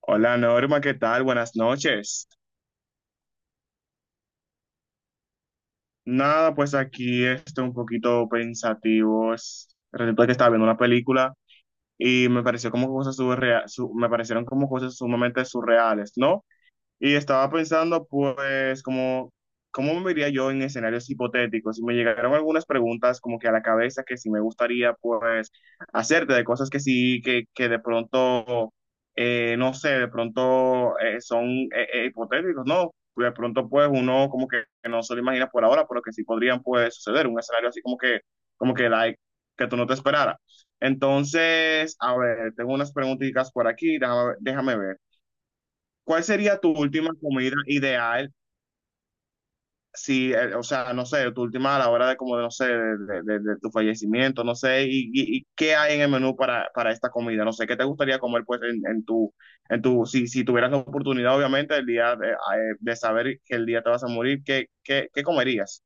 Hola Norma, ¿qué tal? Buenas noches. Nada, pues aquí estoy un poquito pensativo. Resulta que estaba viendo una película y me pareció como cosas me parecieron como cosas sumamente surreales, ¿no? Y estaba pensando, pues, como, ¿cómo me vería yo en escenarios hipotéticos? Y me llegaron algunas preguntas como que a la cabeza que si me gustaría, pues, hacerte de cosas que sí, que de pronto, no sé, de pronto son hipotéticos, ¿no? De pronto, pues, uno como que no se lo imagina por ahora, pero que sí podrían, pues, suceder. Un escenario así como que, like, que tú no te esperaras. Entonces, a ver, tengo unas preguntitas por aquí, déjame ver. ¿Cuál sería tu última comida ideal? Si, o sea, no sé, tu última a la hora de como, no sé, de tu fallecimiento, no sé, y qué hay en el menú para esta comida, no sé, ¿qué te gustaría comer pues en tu, si tuvieras la oportunidad, obviamente, el día de saber que el día te vas a morir, ¿ qué comerías?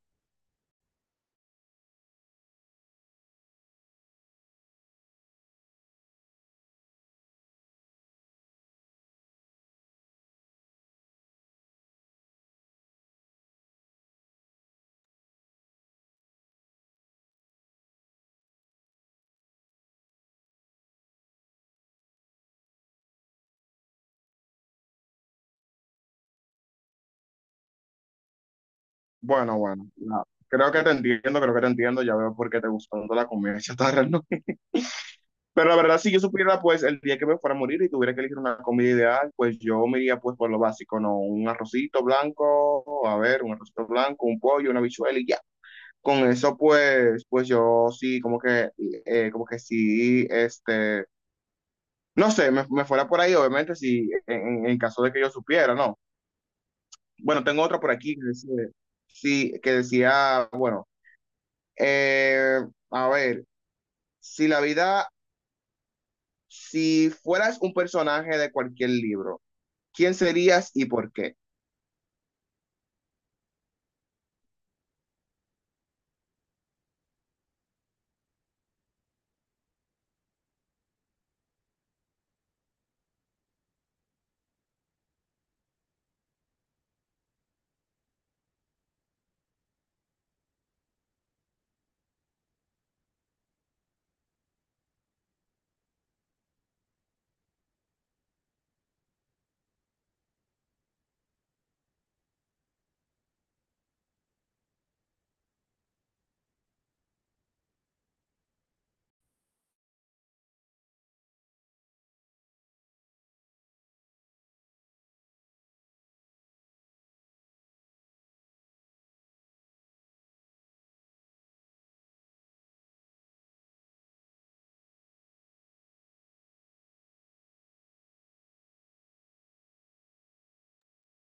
Bueno, no, creo que te entiendo, creo que te entiendo, ya veo por qué te gustó tanto la comida chatarra, ¿no? Pero la verdad, si yo supiera, pues, el día que me fuera a morir y tuviera que elegir una comida ideal, pues yo me iría, pues, por lo básico, ¿no? Un arrocito blanco, a ver, un arrocito blanco, un pollo, una habichuela y ya. Con eso, pues, pues yo sí, como que sí, este, no sé, me fuera por ahí, obviamente, si, en caso de que yo supiera, ¿no? Bueno, tengo otra por aquí que decía, sí, que decía, bueno, eh, a ver, si la vida, si fueras un personaje de cualquier libro, ¿quién serías y por qué?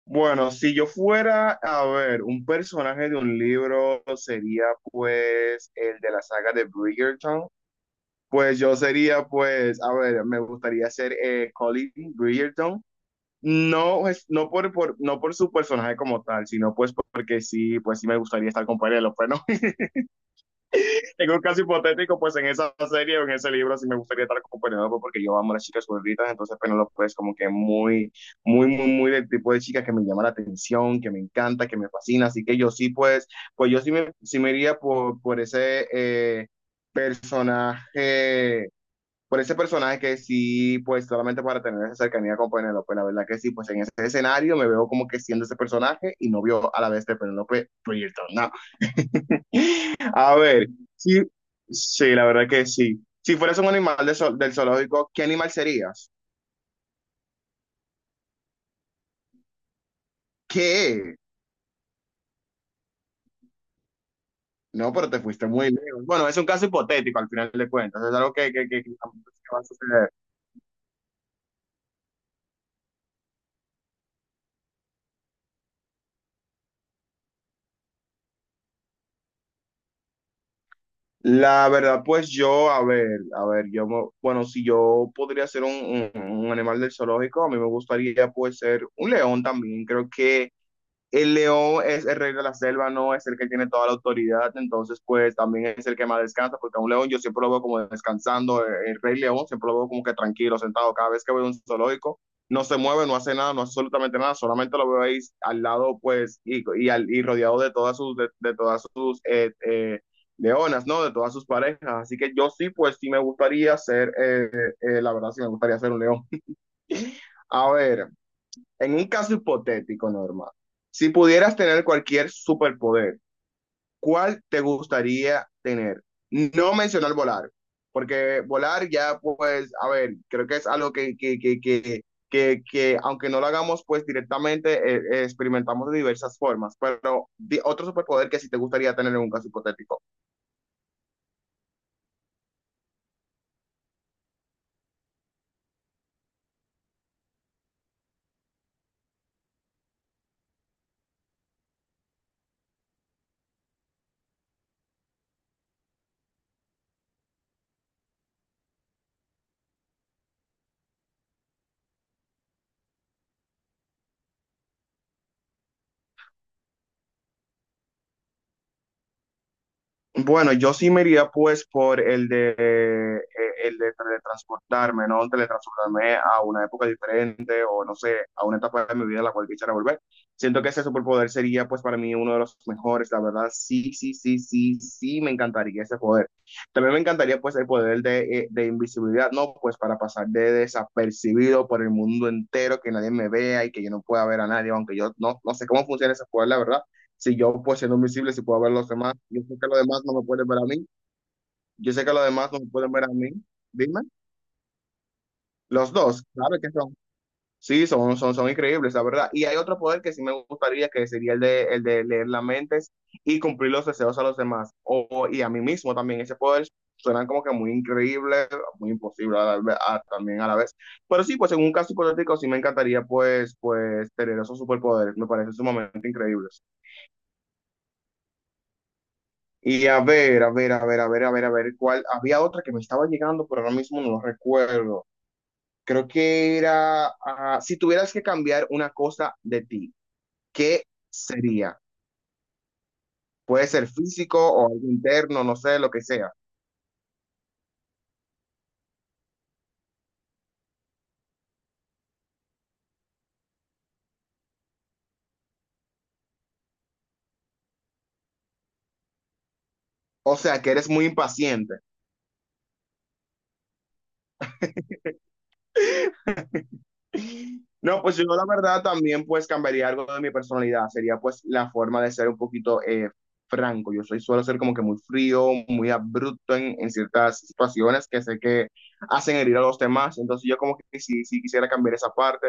Bueno, si yo fuera a ver un personaje de un libro, sería pues el de la saga de Bridgerton. Pues yo sería pues, a ver, me gustaría ser Colin Bridgerton. No, no, no por su personaje como tal, sino pues porque sí, pues sí me gustaría estar con Penélope, ¿no? En un caso hipotético, pues en esa serie o en ese libro sí me gustaría estar con Penelope porque yo amo a las chicas gorditas, entonces Penelope es como que muy, muy del tipo de chica que me llama la atención, que me encanta, que me fascina, así que yo sí, pues, pues yo sí me iría por ese personaje, por ese personaje que sí, pues solamente para tener esa cercanía con Penelope, la verdad que sí, pues en ese escenario me veo como que siendo ese personaje y novio a la vez de Penelope Bridgerton, ¿no? A ver, sí, sí, la verdad que sí. Si fueras un animal de del zoológico, ¿qué animal serías? ¿Qué? No, pero te fuiste muy lejos. Bueno, es un caso hipotético al final de cuentas, es algo que tampoco es que va a suceder. La verdad, pues yo, a ver, yo, bueno, si yo podría ser un, un- un animal del zoológico, a mí me gustaría pues ser un león también. Creo que el león es el rey de la selva, no es el que tiene toda la autoridad, entonces pues también es el que más descansa, porque a un león yo siempre lo veo como descansando, el rey león siempre lo veo como que tranquilo, sentado, cada vez que veo un zoológico, no se mueve, no hace nada, no hace absolutamente nada, solamente lo veo ahí al lado pues y rodeado de todas sus, de todas sus leonas, ¿no? De todas sus parejas, así que yo sí pues sí me gustaría ser, la verdad sí me gustaría ser un león. A ver. En un caso hipotético, Norma, si pudieras tener cualquier superpoder, ¿cuál te gustaría tener? No mencionar volar, porque volar ya, pues, a ver, creo que es algo que aunque no lo hagamos, pues directamente experimentamos de diversas formas, pero otro superpoder que sí te gustaría tener en un caso hipotético. Bueno, yo sí me iría pues por el de teletransportarme, ¿no? Teletransportarme a una época diferente o no sé, a una etapa de mi vida a la cual quisiera volver. Siento que ese superpoder sería pues para mí uno de los mejores, la verdad. Sí, sí, sí, sí, sí, me encantaría ese poder. También me encantaría pues el poder de invisibilidad, ¿no? Pues para pasar de desapercibido por el mundo entero, que nadie me vea y que yo no pueda ver a nadie, aunque yo no, no sé cómo funciona ese poder, la verdad si yo pues siendo invisible, si puedo ver a los demás, yo sé que los demás no me pueden ver a mí, yo sé que los demás no me pueden ver a mí, dime, los dos, ¿sabes qué son? Sí, son increíbles, la verdad. Y hay otro poder que sí me gustaría, que sería el de leer las mentes y cumplir los deseos a los demás, y a mí mismo también. Ese poder suena como que muy increíble, muy imposible a también a la vez. Pero sí, pues en un caso hipotético sí me encantaría pues, pues tener esos superpoderes, me parecen sumamente increíbles. Y a ver, a ver, a ver, a ver, a ver, a ver, cuál. Había otra que me estaba llegando, pero ahora mismo no lo recuerdo. Creo que era, ah, si tuvieras que cambiar una cosa de ti, ¿qué sería? Puede ser físico o algo interno, no sé, lo que sea. O sea, que eres muy impaciente. No, pues yo la verdad también pues cambiaría algo de mi personalidad, sería pues la forma de ser un poquito franco, yo soy, suelo ser como que muy frío, muy abrupto en ciertas situaciones que sé que hacen herir a los demás, entonces yo como que sí quisiera cambiar esa parte,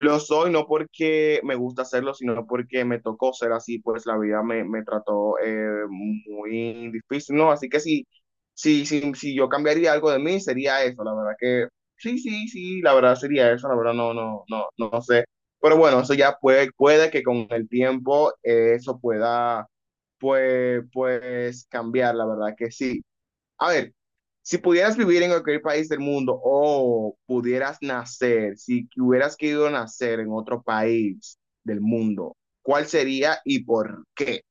lo soy no porque me gusta hacerlo, sino porque me tocó ser así, pues la vida me trató muy difícil, ¿no? Así que sí, si yo cambiaría algo de mí, sería eso, la verdad que sí, sí, sí, la verdad sería eso, la verdad no sé. Pero bueno, eso ya puede, puede que con el tiempo eso pueda, pues, pues cambiar, la verdad que sí. A ver, si pudieras vivir en cualquier país del mundo o pudieras nacer, si que hubieras querido nacer en otro país del mundo, ¿cuál sería y por qué?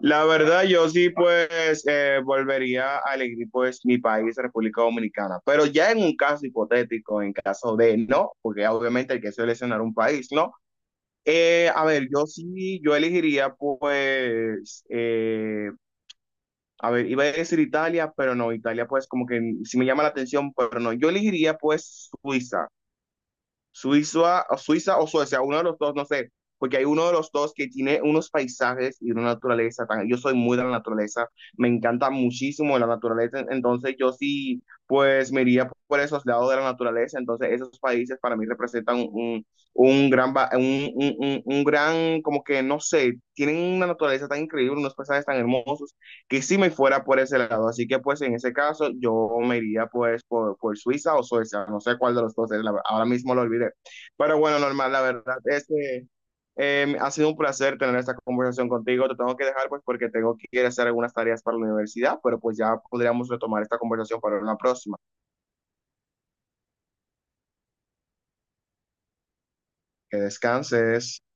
La verdad, yo sí, pues, volvería a elegir, pues, mi país, República Dominicana. Pero ya en un caso hipotético, en caso de no, porque obviamente hay que seleccionar un país, ¿no? A ver, yo sí, yo elegiría, pues, a ver, iba a decir Italia, pero no, Italia, pues, como que sí me llama la atención, pero no, yo elegiría, pues, Suiza. Suiza o Suecia, uno de los dos, no sé, porque hay uno de los dos que tiene unos paisajes y una naturaleza tan, yo soy muy de la naturaleza, me encanta muchísimo la naturaleza, entonces yo sí, pues me iría por esos lados de la naturaleza, entonces esos países para mí representan un, un un gran, como que no sé, tienen una naturaleza tan increíble, unos paisajes tan hermosos que si me fuera por ese lado. Así que pues en ese caso yo me iría pues por Suiza o Suecia, no sé cuál de los dos es, la, ahora mismo lo olvidé. Pero bueno, normal, la verdad es que ha sido un placer tener esta conversación contigo. Te tengo que dejar pues porque tengo que ir a hacer algunas tareas para la universidad, pero pues ya podríamos retomar esta conversación para una próxima. Que descanses.